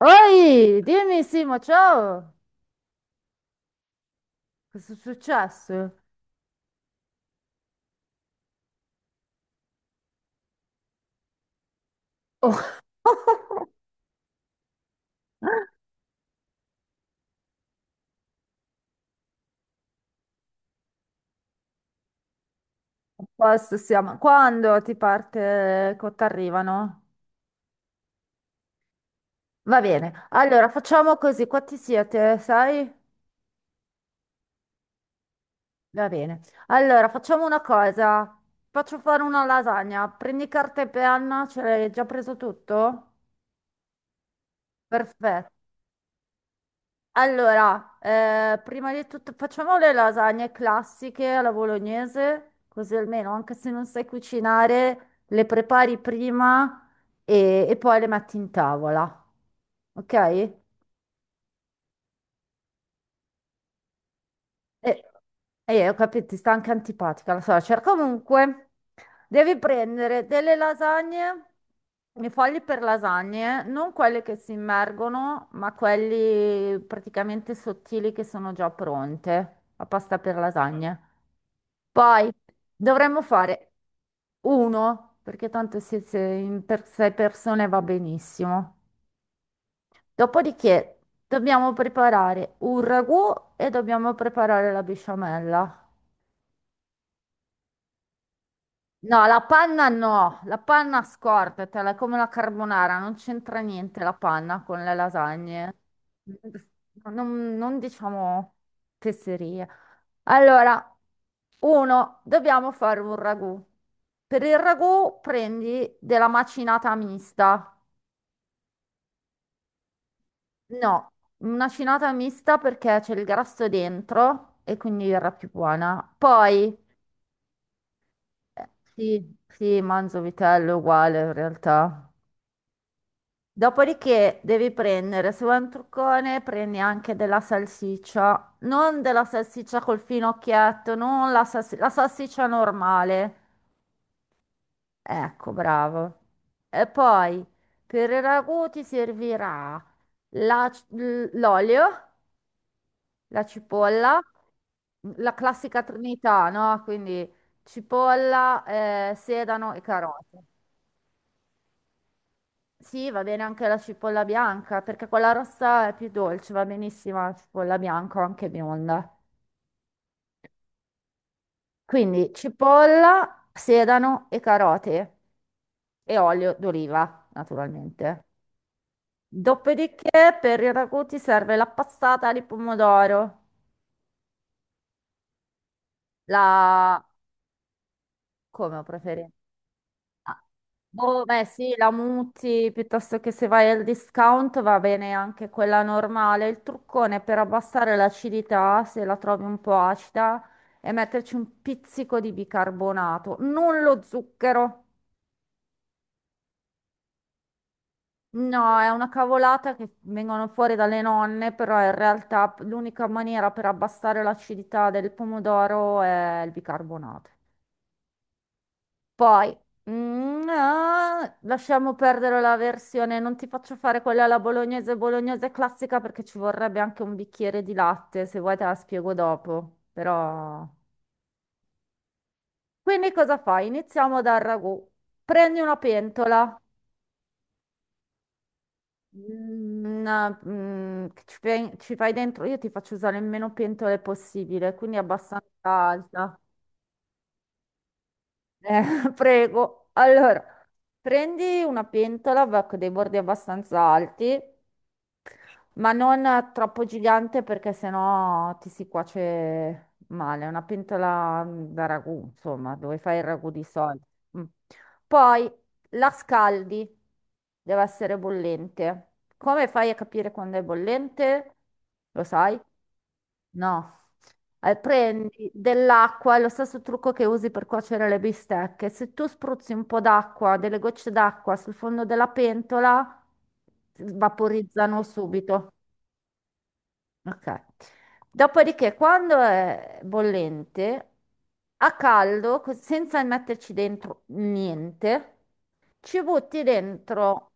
Oi, dimmi Simo, ciao! Cosa è successo? Oh. A posto siamo. Quando ti parte, quando ti arrivano? Va bene, allora facciamo così, quanti siete, sai? Va bene. Allora, facciamo una cosa. Faccio fare una lasagna. Prendi carta e penna, ce l'hai già preso tutto? Perfetto. Allora, prima di tutto facciamo le lasagne classiche alla bolognese, così almeno anche se non sai cucinare, le prepari prima e poi le metti in tavola. Ok? E, e ho capito, ti sta anche antipatica la suocera. Comunque, devi prendere delle lasagne, i fogli per lasagne, non quelle che si immergono, ma quelli praticamente sottili che sono già pronte, la pasta per lasagne. Poi dovremmo fare uno, perché tanto siete in per sei persone va benissimo. Dopodiché dobbiamo preparare un ragù e dobbiamo preparare la besciamella. No, la panna no, la panna scordatela, è come la carbonara, non c'entra niente la panna con le lasagne. Non diciamo fesserie. Allora, uno, dobbiamo fare un ragù. Per il ragù prendi della macinata mista. No, una cinata mista perché c'è il grasso dentro e quindi verrà più buona. Poi, sì, sì, manzo vitello uguale in realtà. Dopodiché devi prendere, se vuoi un truccone, prendi anche della salsiccia, non della salsiccia col finocchietto, non la, la salsiccia normale. Ecco, bravo. E poi per il ragù ti servirà l'olio, la cipolla, la classica trinità, no? Quindi cipolla, sedano e carote. Sì, va bene anche la cipolla bianca, perché quella rossa è più dolce, va benissimo la cipolla bianca o anche bionda. Quindi cipolla, sedano e carote e olio d'oliva, naturalmente. Dopodiché per i ragù ti serve la passata di pomodoro, la... come preferenza, Ah, Boh, beh, sì, la muti piuttosto che se vai al discount va bene anche quella normale. Il truccone per abbassare l'acidità, se la trovi un po' acida, è metterci un pizzico di bicarbonato, non lo zucchero. No, è una cavolata che vengono fuori dalle nonne, però in realtà l'unica maniera per abbassare l'acidità del pomodoro è il bicarbonato. Poi, lasciamo perdere la versione, non ti faccio fare quella alla bolognese, bolognese classica perché ci vorrebbe anche un bicchiere di latte, se vuoi te la spiego dopo, però... Quindi cosa fai? Iniziamo dal ragù. Prendi una pentola, che ci fai dentro, io ti faccio usare il meno pentole possibile, quindi abbastanza alta. Eh, prego. Allora, prendi una pentola va con dei bordi abbastanza alti ma non troppo gigante perché sennò ti si cuoce male. Una pentola da ragù, insomma, dove fai il ragù di solito. Mm. Poi la scaldi, deve essere bollente. Come fai a capire quando è bollente? Lo sai? No. Prendi dell'acqua, è lo stesso trucco che usi per cuocere le bistecche. Se tu spruzzi un po' d'acqua, delle gocce d'acqua sul fondo della pentola, vaporizzano subito. Ok. Dopodiché, quando è bollente, a caldo, senza metterci dentro niente, ci butti dentro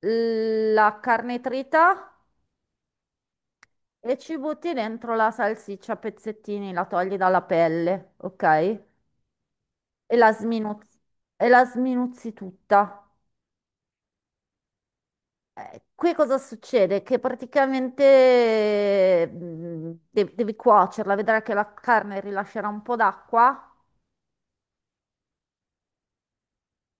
la carne trita e ci butti dentro la salsiccia a pezzettini, la togli dalla pelle, ok? E la sminuzzi, e la sminuzzi tutta. Qui cosa succede? Che praticamente devi cuocerla, vedrai che la carne rilascerà un po' d'acqua.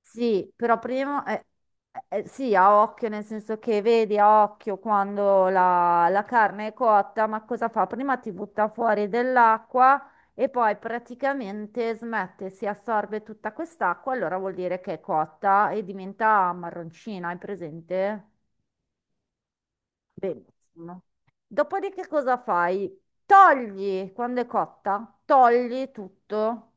Sì, però prima, sì, a occhio, nel senso che vedi a occhio quando la, la carne è cotta, ma cosa fa? Prima ti butta fuori dell'acqua e poi praticamente smette, si assorbe tutta quest'acqua, allora vuol dire che è cotta e diventa marroncina, hai presente? Benissimo. Dopodiché cosa fai? Togli, quando è cotta, togli tutto.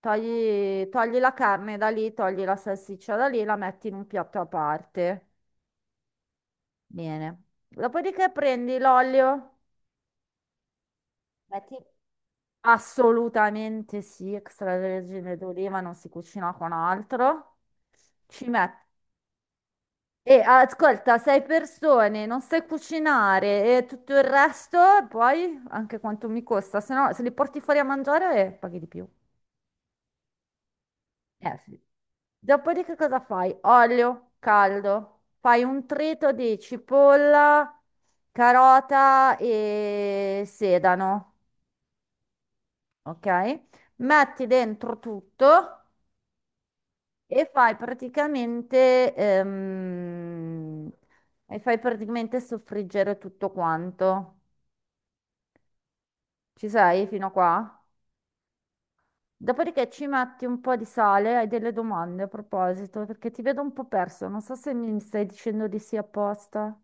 Togli, togli la carne da lì, togli la salsiccia da lì, la metti in un piatto a parte. Bene. Dopodiché prendi l'olio. Metti... Assolutamente sì, extravergine d'oliva non si cucina con altro. Ci metti. E ascolta, sei persone, non sai cucinare e tutto il resto, poi anche quanto mi costa, se no se li porti fuori a mangiare paghi di più. Eh sì. Dopodiché cosa fai? Olio caldo, fai un trito di cipolla, carota e sedano, ok? Metti dentro tutto e fai praticamente, ehm, e fai praticamente soffriggere tutto quanto. Ci sei fino a qua? Dopodiché ci metti un po' di sale, hai delle domande a proposito, perché ti vedo un po' perso, non so se mi stai dicendo di sì apposta.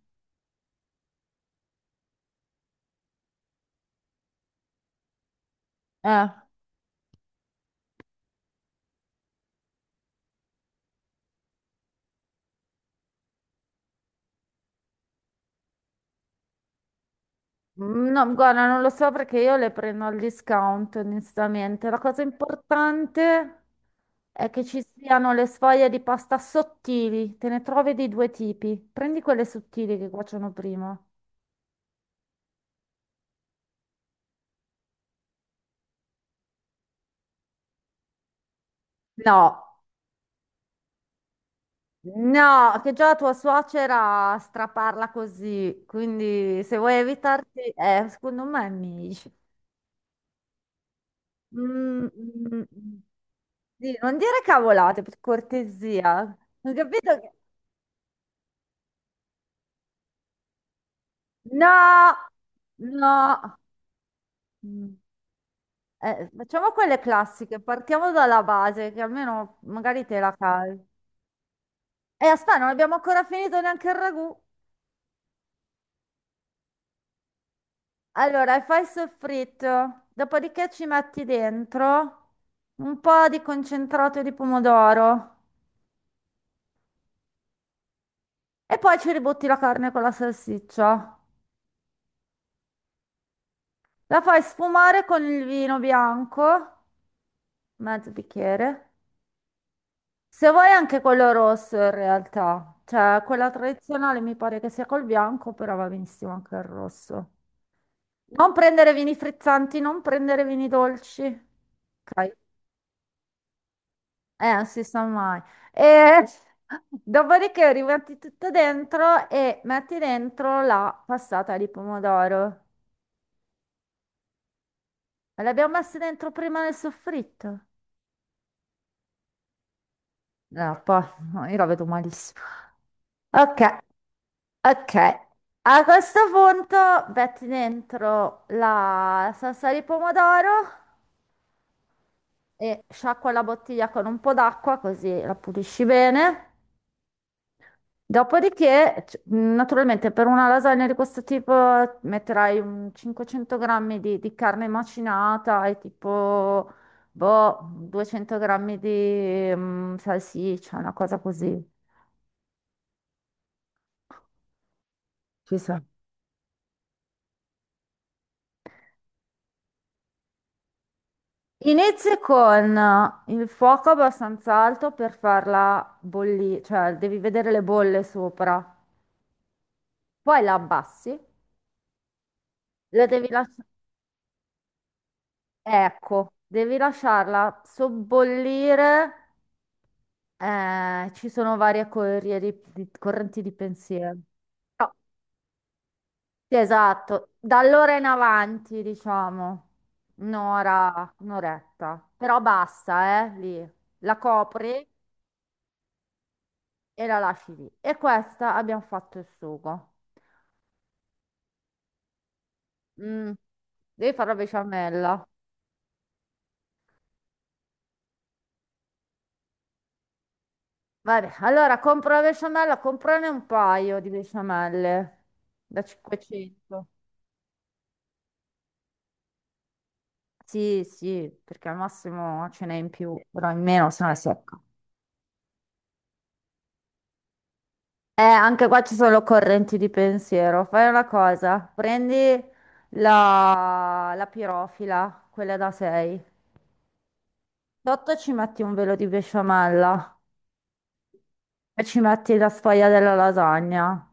Eh, No, guarda, non lo so perché io le prendo al discount, onestamente. La cosa importante è che ci siano le sfoglie di pasta sottili, te ne trovi di due tipi. Prendi quelle sottili che cuociono prima. No, no, che già tua suocera straparla così, quindi se vuoi evitarti, secondo me è meglio. Mm, mm, mm. Sì, non dire cavolate, per cortesia. Ho capito che... No, no. Mm. Facciamo quelle classiche, partiamo dalla base, che almeno magari te la cavi. E aspetta, non abbiamo ancora finito neanche il ragù. Allora, fai il soffritto, dopodiché ci metti dentro un po' di concentrato di pomodoro e poi ci ributti la carne con la salsiccia. La fai sfumare con il vino bianco, mezzo bicchiere. Se vuoi anche quello rosso in realtà, cioè quella tradizionale mi pare che sia col bianco, però va benissimo anche il rosso. Non prendere vini frizzanti, non prendere vini dolci. Ok? Non si sa mai. E dopodiché rimetti tutto dentro e metti dentro la passata di pomodoro. Ma l'abbiamo messa dentro prima nel soffritto? No, poi no, io la vedo malissimo. Ok, ok. A questo punto metti dentro la salsa di pomodoro e sciacqua la bottiglia con un po' d'acqua così la pulisci bene. Dopodiché, naturalmente, per una lasagna di questo tipo metterai un 500 grammi di carne macinata e tipo, boh, 200 grammi di salsiccia, una cosa così. Ci sa. Inizia con il fuoco abbastanza alto per farla bollire, cioè devi vedere le bolle sopra. Poi la abbassi, la devi lasciare, ecco, devi lasciarla sobbollire. Ci sono varie correnti di pensiero. No, sì, esatto, da allora in avanti, diciamo, un'ora, un'oretta, però basta, lì, la copri e la lasci lì. E questa abbiamo fatto il sugo. Mm, devi fare la besciamella. Vabbè, allora compro la besciamella, comprane un paio di besciamelle da 500. Sì, sì, perché al massimo ce n'è in più, però in meno se no è secca. Anche qua ci sono correnti di pensiero. Fai una cosa, prendi la, la pirofila, quella da 6. Sotto ci metti un velo di besciamella e ci metti la sfoglia della lasagna.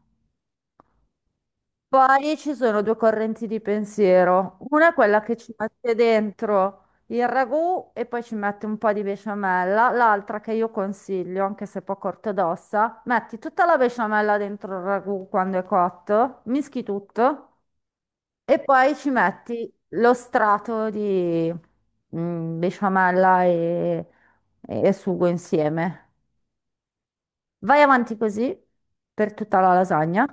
Poi ci sono due correnti di pensiero. Una è quella che ci mette dentro il ragù e poi ci mette un po' di besciamella. L'altra che io consiglio, anche se poco ortodossa, metti tutta la besciamella dentro il ragù quando è cotto, mischi tutto. E poi ci metti lo strato di besciamella e sugo insieme. Vai avanti così per tutta la lasagna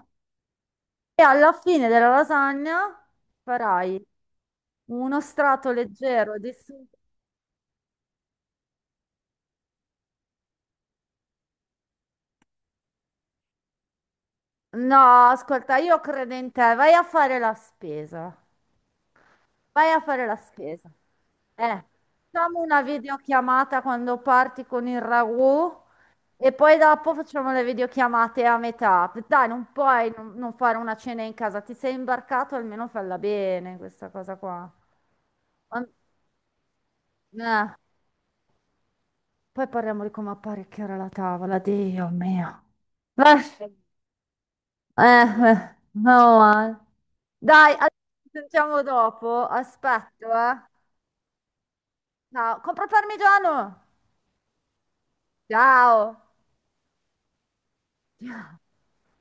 e alla fine della lasagna farai uno strato leggero di sugo. No, ascolta, io credo in te, vai a fare la spesa. Vai a fare la spesa. Eh, Facciamo una videochiamata quando parti con il ragù e poi dopo facciamo le videochiamate a metà. Dai, non puoi non fare una cena in casa. Ti sei imbarcato, almeno falla bene questa cosa qua. Ma- eh, Poi parliamo di come apparecchiare la tavola, Dio mio. Eh, eh, no, eh. Dai, allora ci sentiamo dopo. Aspetto, eh. Ciao. Compra il parmigiano! Ciao.